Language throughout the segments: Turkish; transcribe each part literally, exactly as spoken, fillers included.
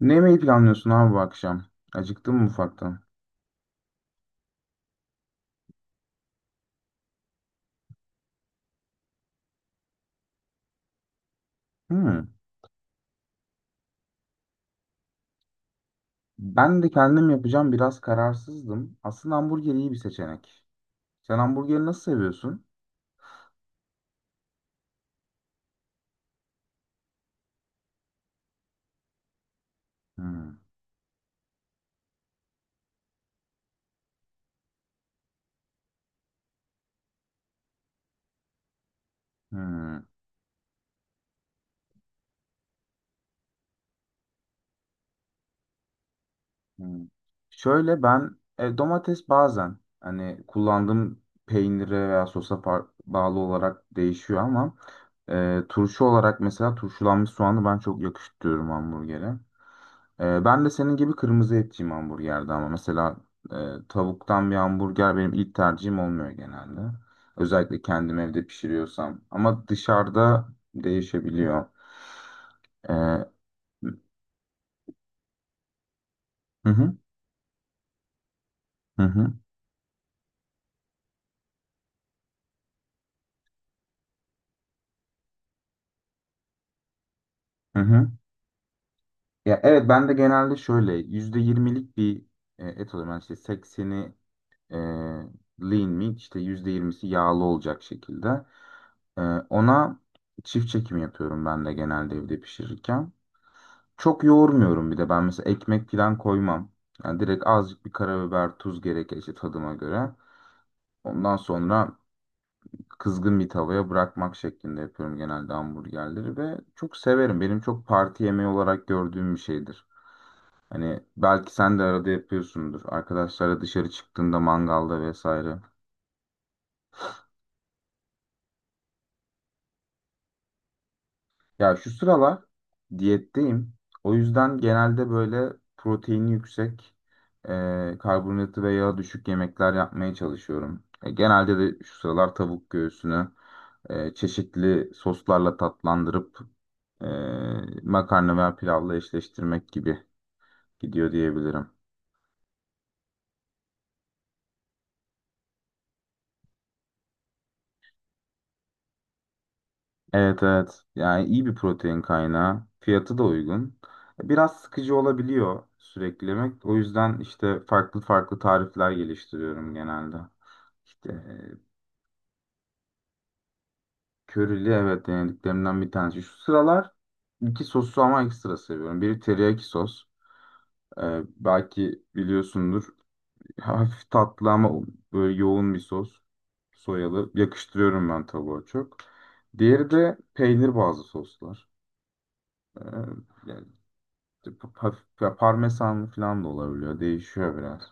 Ne yemeği planlıyorsun abi bu akşam? Acıktın mı ufaktan? Hmm. Ben de kendim yapacağım, biraz kararsızdım. Aslında hamburger iyi bir seçenek. Sen hamburgeri nasıl seviyorsun? Hmm. Hmm. Hmm. Şöyle ben e, domates bazen hani kullandığım peynire veya sosa par- bağlı olarak değişiyor, ama e, turşu olarak mesela turşulanmış soğanı ben çok yakıştırıyorum hamburgere. Ee, ben de senin gibi kırmızı etçiyim hamburgerde, ama mesela e, tavuktan bir hamburger benim ilk tercihim olmuyor genelde. Özellikle kendim evde pişiriyorsam. Ama dışarıda değişebiliyor. Ee, hı hı, hı hı, hı hı. Ya evet, ben de genelde şöyle yüzde yirmilik bir e, et alıyorum. Yani işte sekseni e, lean meat, işte yüzde yirmisi yağlı olacak şekilde. E, Ona çift çekim yapıyorum ben de genelde evde pişirirken. Çok yoğurmuyorum, bir de ben mesela ekmek falan koymam. Yani direkt azıcık bir karabiber, tuz gerekirse tadıma göre. Ondan sonra kızgın bir tavaya bırakmak şeklinde yapıyorum genelde hamburgerleri ve çok severim. Benim çok parti yemeği olarak gördüğüm bir şeydir. Hani belki sen de arada yapıyorsundur. Arkadaşlarla dışarı çıktığında mangalda vesaire. Ya şu sıralar diyetteyim. O yüzden genelde böyle proteini yüksek, e, karbonhidratı ve yağı düşük yemekler yapmaya çalışıyorum. E, genelde de şu sıralar tavuk göğsünü e, çeşitli soslarla tatlandırıp e, makarna veya pilavla eşleştirmek gibi gidiyor diyebilirim. Evet, evet. Yani iyi bir protein kaynağı. Fiyatı da uygun. E, Biraz sıkıcı olabiliyor sürekli yemek. O yüzden işte farklı farklı tarifler geliştiriyorum genelde. İşte, e, körili evet, denediklerimden bir tanesi. Şu sıralar iki sosu ama ekstra seviyorum. Biri teriyaki sos. E, Belki biliyorsundur. Hafif tatlı ama böyle yoğun bir sos. Soyalı. Yakıştırıyorum ben tavuğa çok. Diğeri de peynir bazlı soslar. E, Yani hafif ya, parmesan falan da olabiliyor. Değişiyor biraz.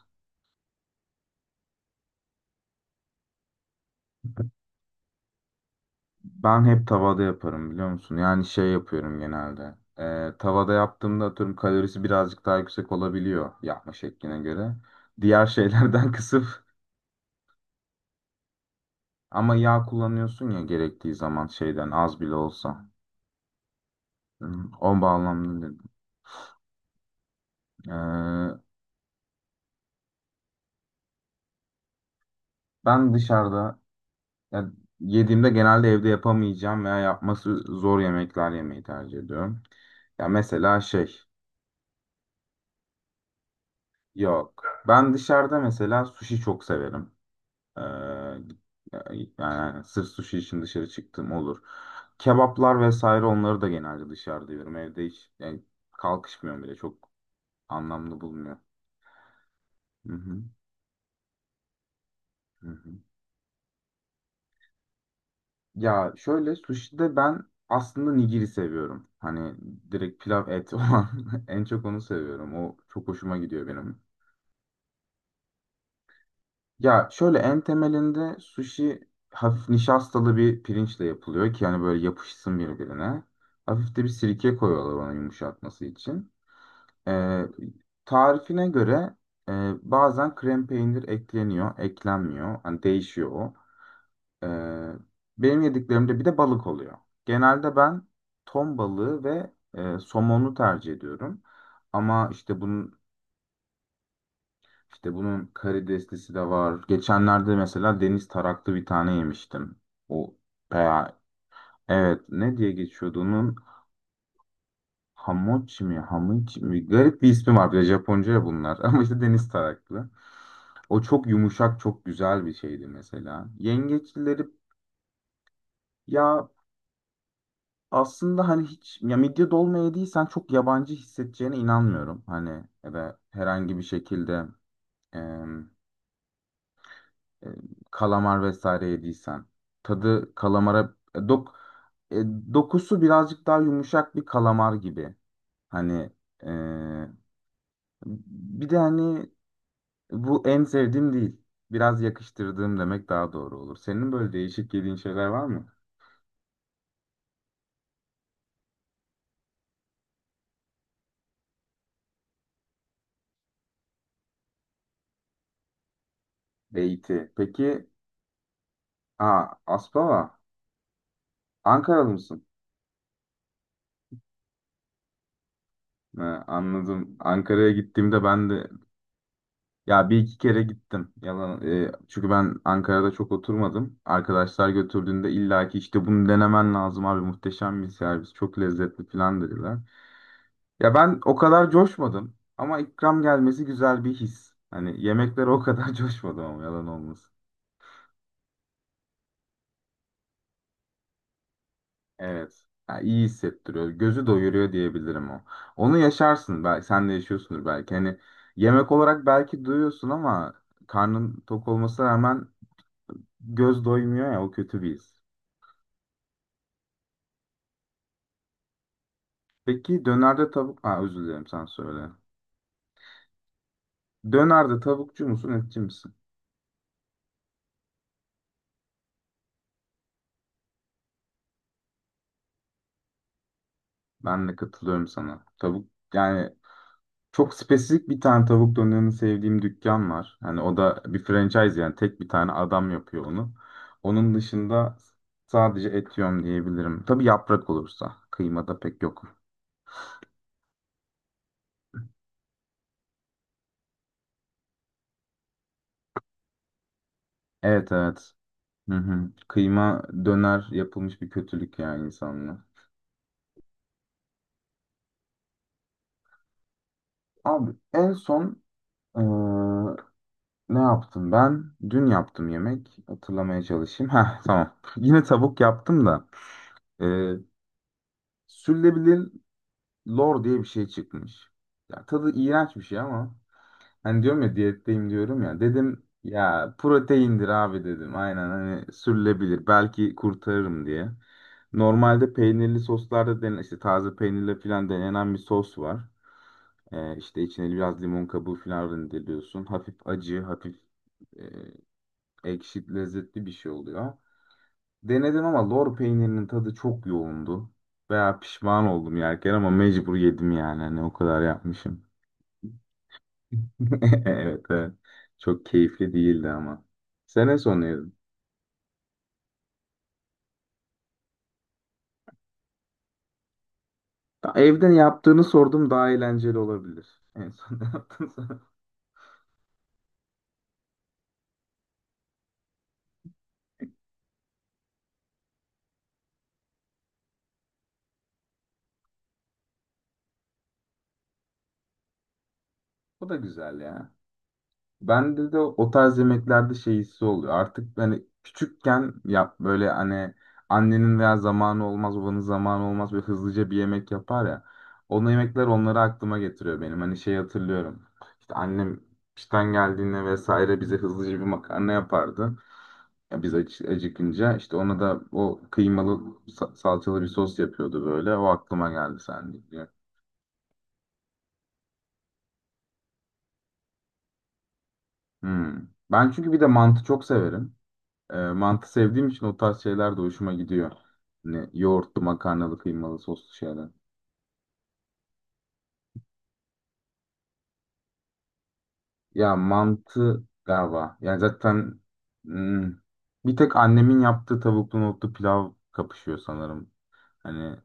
Ben hep tavada yaparım, biliyor musun? Yani şey yapıyorum genelde. Ee, tavada yaptığımda atıyorum kalorisi birazcık daha yüksek olabiliyor yapma şekline göre. Diğer şeylerden kısıp, ama yağ kullanıyorsun ya gerektiği zaman şeyden, az bile olsa. Hmm, o bağlamda dedim. Ee, Ben dışarıda ya yediğimde genelde evde yapamayacağım veya yapması zor yemekler yemeyi tercih ediyorum. Ya mesela şey. Yok, ben dışarıda mesela sushi çok severim. Ee, Yani, yani sırf sushi için dışarı çıktığım olur. Kebaplar vesaire, onları da genelde dışarıda yiyorum. Evde hiç yani kalkışmıyorum bile. Çok anlamlı bulmuyor. Hı hı, hı hı. Ya şöyle, sushi'de ben aslında nigiri seviyorum. Hani direkt pilav et olan, en çok onu seviyorum. O çok hoşuma gidiyor benim. Ya şöyle, en temelinde sushi hafif nişastalı bir pirinçle yapılıyor ki hani böyle yapışsın birbirine. Hafif de bir sirke koyuyorlar onu yumuşatması için. Ee, Tarifine göre e, bazen krem peynir ekleniyor, eklenmiyor. Hani değişiyor o. Ee, Benim yediklerimde bir de balık oluyor. Genelde ben ton balığı ve e, somonu tercih ediyorum. Ama işte bunun işte bunun karideslisi de var. Geçenlerde mesela deniz taraklı bir tane yemiştim. O veya, evet, ne diye geçiyordu onun? Hamochi mi? Hamichi mi? Garip bir ismi var, bir de Japonca ya bunlar. Ama işte deniz taraklı. O çok yumuşak, çok güzel bir şeydi mesela. Yengeçleri, ya aslında hani hiç, ya midye dolma yediysen, çok yabancı hissedeceğine inanmıyorum. Hani ya da herhangi bir şekilde e, kalamar vesaire yediysen. Tadı kalamara, e, dok e, dokusu birazcık daha yumuşak bir kalamar gibi. Hani, e, bir de hani bu en sevdiğim değil. Biraz yakıştırdığım demek daha doğru olur. Senin böyle değişik yediğin şeyler var mı? Beyti. Peki, aa, Aspava. Ankaralı mısın? Ha, anladım. Ankara'ya gittiğimde ben de... Ya, bir iki kere gittim. Yalan, e, çünkü ben Ankara'da çok oturmadım. Arkadaşlar götürdüğünde illaki, işte, bunu denemen lazım abi, muhteşem bir servis, çok lezzetli falan dediler. Ya ben o kadar coşmadım ama ikram gelmesi güzel bir his. Hani yemeklere o kadar coşmadım ama yalan olmasın. Evet. Ya, iyi hissettiriyor. Gözü doyuruyor diyebilirim o. Onu yaşarsın, belki sen de yaşıyorsundur belki. Hani yemek olarak belki duyuyorsun ama karnın tok olmasına rağmen göz doymuyor ya, o kötü bir his. Peki dönerde tavuk... Ha, özür dilerim, sen söyle. Dönerde tavukçu musun, etçi misin? Ben de katılıyorum sana. Tavuk yani, çok spesifik bir tane tavuk dönerini sevdiğim dükkan var. Hani o da bir franchise, yani tek bir tane adam yapıyor onu. Onun dışında sadece et yiyorum diyebilirim. Tabii yaprak olursa. Kıymada pek yok. Evet, evet. Hı hı. Kıyma döner yapılmış bir kötülük yani insanlığa. Abi en son eee, ne yaptım ben? Dün yaptım yemek. Hatırlamaya çalışayım. Heh, tamam. Yine tavuk yaptım da. Ee, Sürülebilir lor diye bir şey çıkmış. Ya, tadı iğrenç bir şey ama. Hani diyorum ya, diyetteyim diyorum ya. Dedim ya, proteindir abi dedim. Aynen, hani sürülebilir. Belki kurtarırım diye. Normalde peynirli soslarda denen, işte taze peynirle falan denenen bir sos var. Ee, işte içine biraz limon kabuğu falan rendeliyorsun. Hafif acı, hafif e, ekşi, lezzetli bir şey oluyor. Denedim ama lor peynirinin tadı çok yoğundu. Veya pişman oldum yerken ama mecbur yedim yani. Hani o kadar yapmışım. Evet, evet. Çok keyifli değildi ama. Sene sonu yedim. Ya, evden yaptığını sordum, daha eğlenceli olabilir. En son yaptığınız. O da güzel ya. Bende de o tarz yemeklerde şey hissi oluyor. Artık hani küçükken, yap böyle hani, annenin veya zamanı olmaz, babanın zamanı olmaz, böyle hızlıca bir yemek yapar ya. Onun yemekler, onları aklıma getiriyor benim. Hani şey hatırlıyorum. İşte annem işten geldiğinde vesaire bize hızlıca bir makarna yapardı. Ya biz acı- acıkınca işte, ona da o kıymalı sa- salçalı bir sos yapıyordu böyle. O aklıma geldi sen deyince. Hmm. Ben çünkü bir de mantı çok severim. E, mantı sevdiğim için o tarz şeyler de hoşuma gidiyor. Hani yoğurtlu, makarnalı, kıymalı, soslu şeyler. Ya mantı galiba. Yani zaten hmm, bir tek annemin yaptığı tavuklu nohutlu pilav kapışıyor sanırım. Hani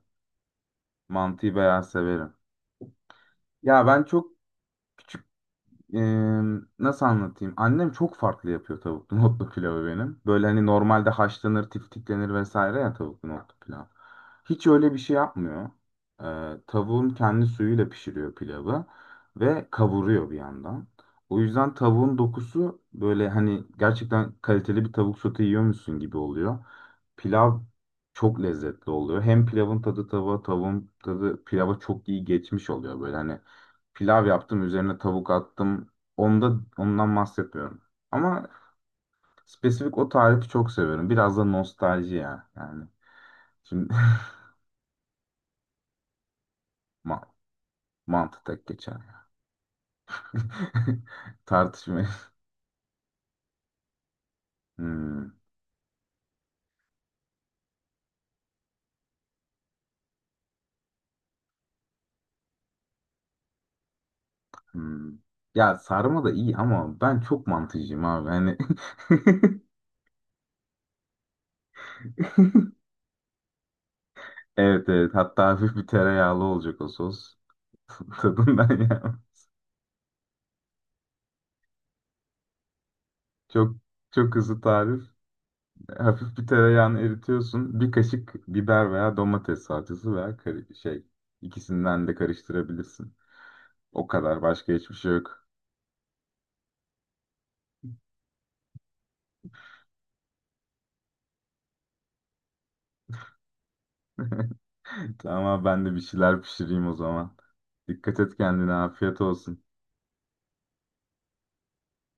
mantıyı bayağı severim. Ya ben çok küçük, e, nasıl anlatayım? Annem çok farklı yapıyor tavuklu nohutlu pilavı benim. Böyle hani normalde haşlanır, tiftiklenir vesaire ya tavuklu nohutlu pilav. Hiç öyle bir şey yapmıyor. E, tavuğun kendi suyuyla pişiriyor pilavı ve kavuruyor bir yandan. O yüzden tavuğun dokusu böyle hani gerçekten kaliteli bir tavuk sote yiyormuşsun gibi oluyor. Pilav çok lezzetli oluyor. Hem pilavın tadı tavuğa, tavuğun tadı pilava çok iyi geçmiş oluyor, böyle hani pilav yaptım, üzerine tavuk attım. Onda ondan bahsetmiyorum. Ama spesifik o tarifi çok seviyorum. Biraz da nostalji ya. Yani şimdi ma mantı tek geçer ya. Tartışmayız. Hmm. Hmm. Ya sarma da iyi ama ben çok mantıcıyım abi. Hani evet, evet, hatta hafif bir tereyağlı olacak o sos tadından ya. Çok çok hızlı tarif. Hafif bir tereyağını eritiyorsun. Bir kaşık biber veya domates salçası veya kar- şey ikisinden de karıştırabilirsin. O kadar, başka hiçbir şey yok. Tamam, ben de bir şeyler pişireyim o zaman. Dikkat et kendine, afiyet olsun.